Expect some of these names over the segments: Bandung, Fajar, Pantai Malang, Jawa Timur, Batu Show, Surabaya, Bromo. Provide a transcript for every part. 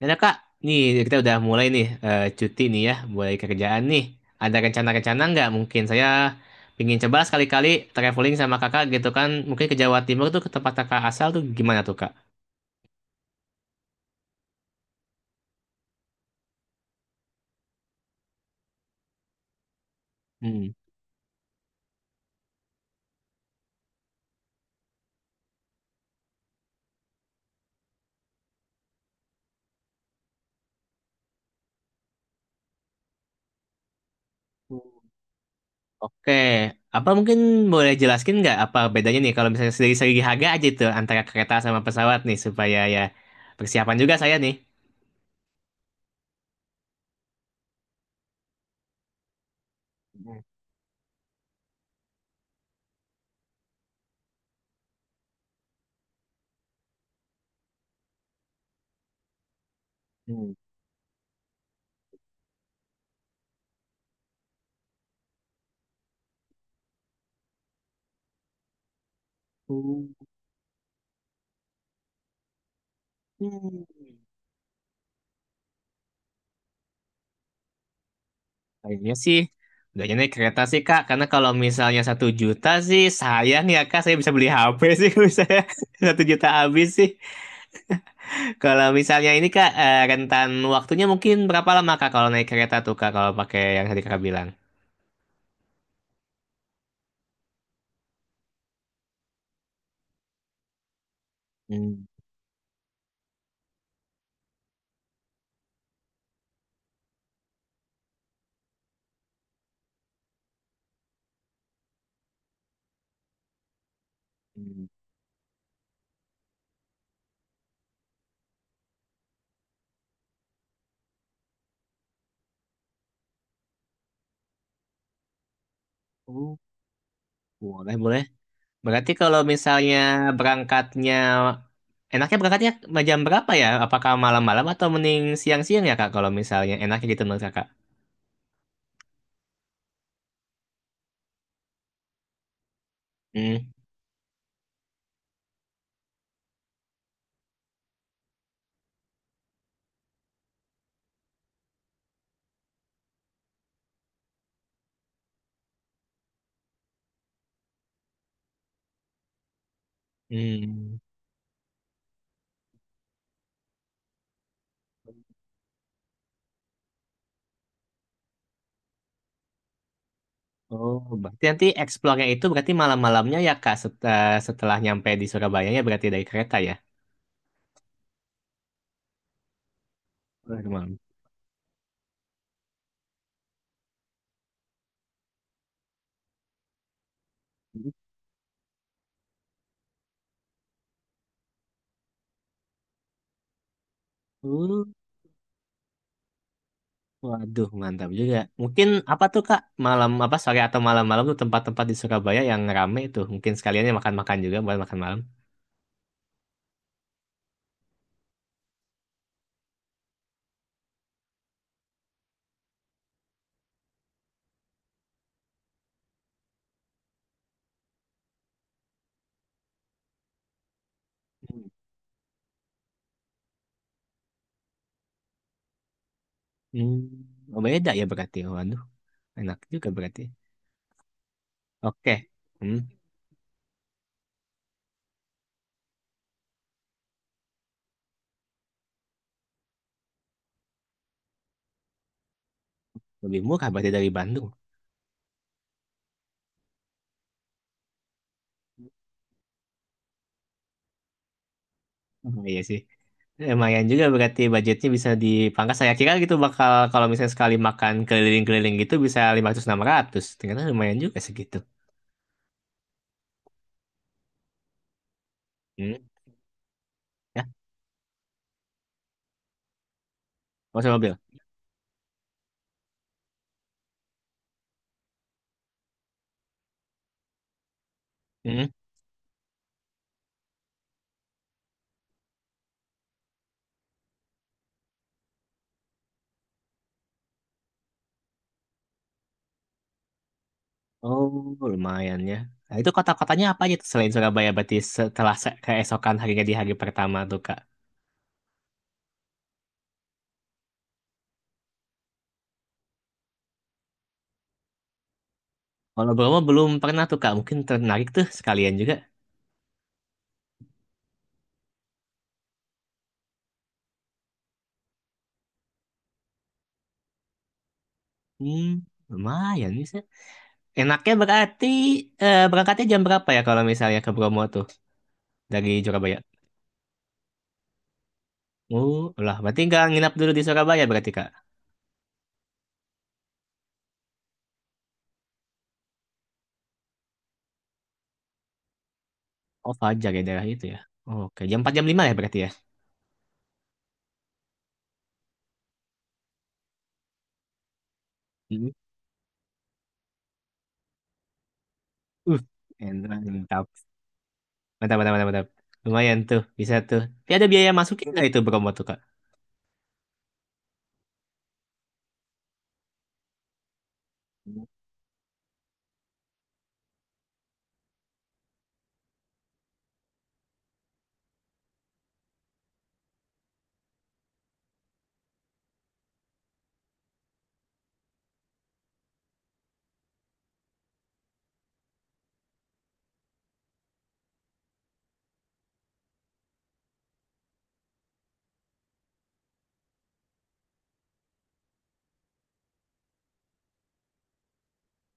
Dan ya, Kak, nih kita udah mulai nih cuti nih ya, mulai kerjaan nih. Ada rencana-rencana nggak? Mungkin saya pingin coba sekali-kali traveling sama kakak gitu kan. Mungkin ke Jawa Timur tuh ke tempat kakak asal tuh gimana tuh Kak? Hmm. Oke, apa mungkin boleh jelaskin nggak apa bedanya nih kalau misalnya dari segi harga aja tuh antara kereta sama pesawat nih supaya ya persiapan juga saya nih. Hmm. Hmm. Kayaknya sih nggak naik kereta sih kak, karena kalau misalnya satu juta sih sayang ya kak, saya bisa beli HP sih misalnya satu juta habis sih. Kalau misalnya ini kak rentan waktunya mungkin berapa lama kak kalau naik kereta tuh kak kalau pakai yang tadi kakak bilang? Hmm. Oh, boleh boleh. Berarti kalau misalnya berangkatnya enaknya berangkatnya jam berapa ya? Apakah malam-malam atau mending siang-siang ya kak? Kalau misalnya enaknya gitu menurut kakak? Hmm. Hmm. Oh, berarti nanti explore itu berarti malam-malamnya ya Kak setelah nyampe di Surabaya ya berarti dari kereta ya. Baru malam. Uh, waduh mantap juga. Mungkin apa tuh Kak malam apa sore atau malam-malam tuh tempat-tempat di Surabaya yang rame tuh. Mungkin sekaliannya makan-makan juga buat makan malam. Hmm, oh, beda ya berarti. Waduh, enak juga berarti. Oke. Hmm, lebih murah berarti dari Bandung. Oh, iya sih. Lumayan juga berarti budgetnya bisa dipangkas. Saya kira gitu bakal kalau misalnya sekali makan keliling-keliling gitu bisa lima ratus enam ratus. Ternyata lumayan juga segitu. Hmm. Ya, mau sama mobil. Hmm. Oh, lumayan ya. Nah, itu kota-kotanya apa aja tuh selain Surabaya berarti setelah keesokan harinya di hari pertama tuh, Kak? Kalau Bromo belum pernah tuh, Kak. Mungkin tertarik tuh sekalian juga. Hmm, lumayan bisa. Enaknya berarti berangkatnya jam berapa ya kalau misalnya ke Bromo tuh dari Surabaya? Oh, lah berarti nggak nginap dulu di Surabaya berarti Kak. Oh, Fajar ya daerah itu ya. Oke, jam 4 jam 5 ya berarti ya. Mhm. Uh, enak, mantap. Mantap, mantap, mantap, mantap. Lumayan tuh, bisa tuh. Tapi ada biaya masukin nggak itu promo tuh Kak?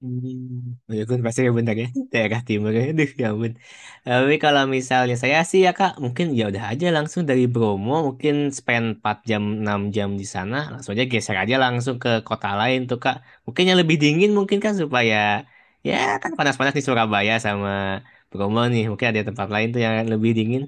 Hmm, oh ya kan pasti ya bentar ya daerah timur ya aduh ya ampun, tapi kalau misalnya saya sih ya kak mungkin ya udah aja langsung dari Bromo mungkin spend 4 jam 6 jam di sana langsung aja geser aja langsung ke kota lain tuh kak, mungkin yang lebih dingin mungkin kan supaya ya kan panas-panas di Surabaya sama Bromo nih mungkin ada tempat lain tuh yang lebih dingin.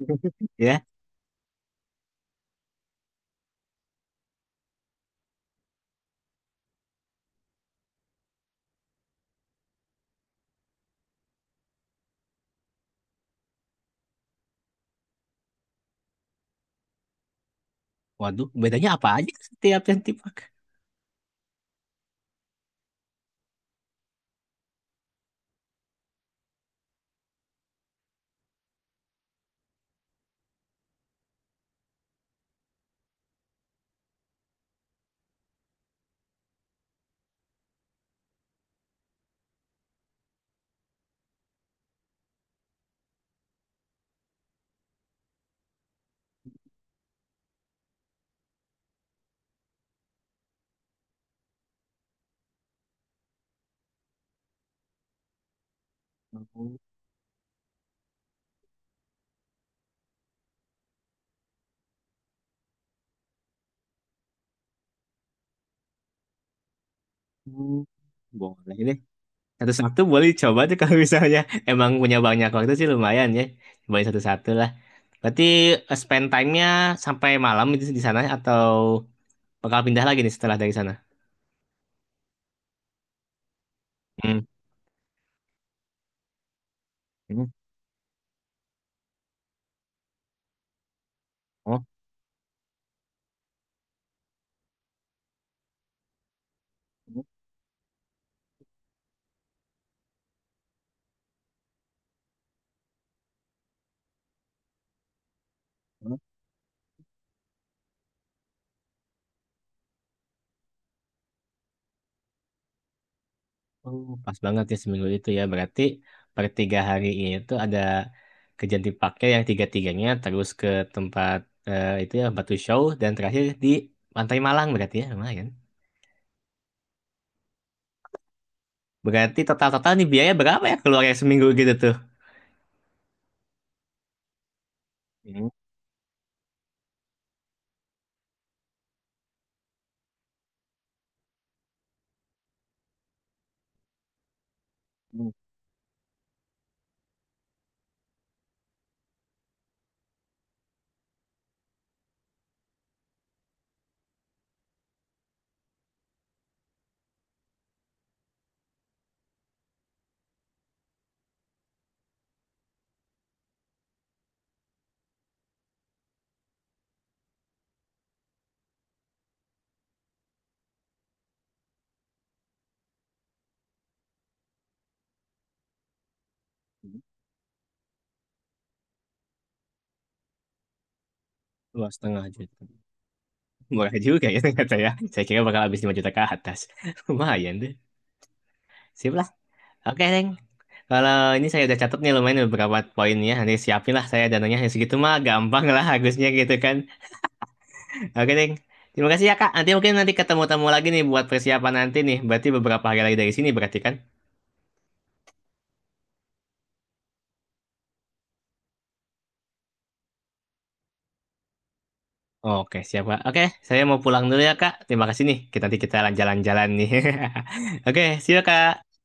Ya, waduh bedanya apa aja setiap yang tipe. Hmm, boleh. Satu satu boleh coba tuh kalau misalnya emang punya banyak waktu sih lumayan ya. Cobain satu-satu lah. Berarti spend time-nya sampai malam itu di sana atau bakal pindah lagi nih setelah dari sana? Hmm. Hmm. Oh, hmm. Oh, pas banget ya seminggu itu ya. Berarti per tiga hari ini tuh ada kerjaan dipakai yang tiga-tiganya terus ke tempat itu ya Batu Show dan terakhir di Pantai Malang berarti ya lumayan. Berarti total-total nih biaya berapa ya keluarnya seminggu gitu tuh? Hmm. Dua setengah juta. Murah juga ya ternyata ya. Saya kira bakal habis 5 juta ke atas. Lumayan deh. Sip lah. Oke, Neng. Kalau ini saya udah catat nih lumayan beberapa poinnya. Nanti siapin lah saya dananya. Ya, segitu mah gampang lah harusnya gitu kan. Oke, Neng. Terima kasih ya, Kak. Nanti mungkin nanti ketemu-temu lagi nih buat persiapan nanti nih. Berarti beberapa hari lagi dari sini berarti kan? Oke, siap, Kak. Oke, saya mau pulang dulu ya, Kak. Terima kasih nih. Kita nanti kita jalan-jalan nih. Oke, see you, Kak.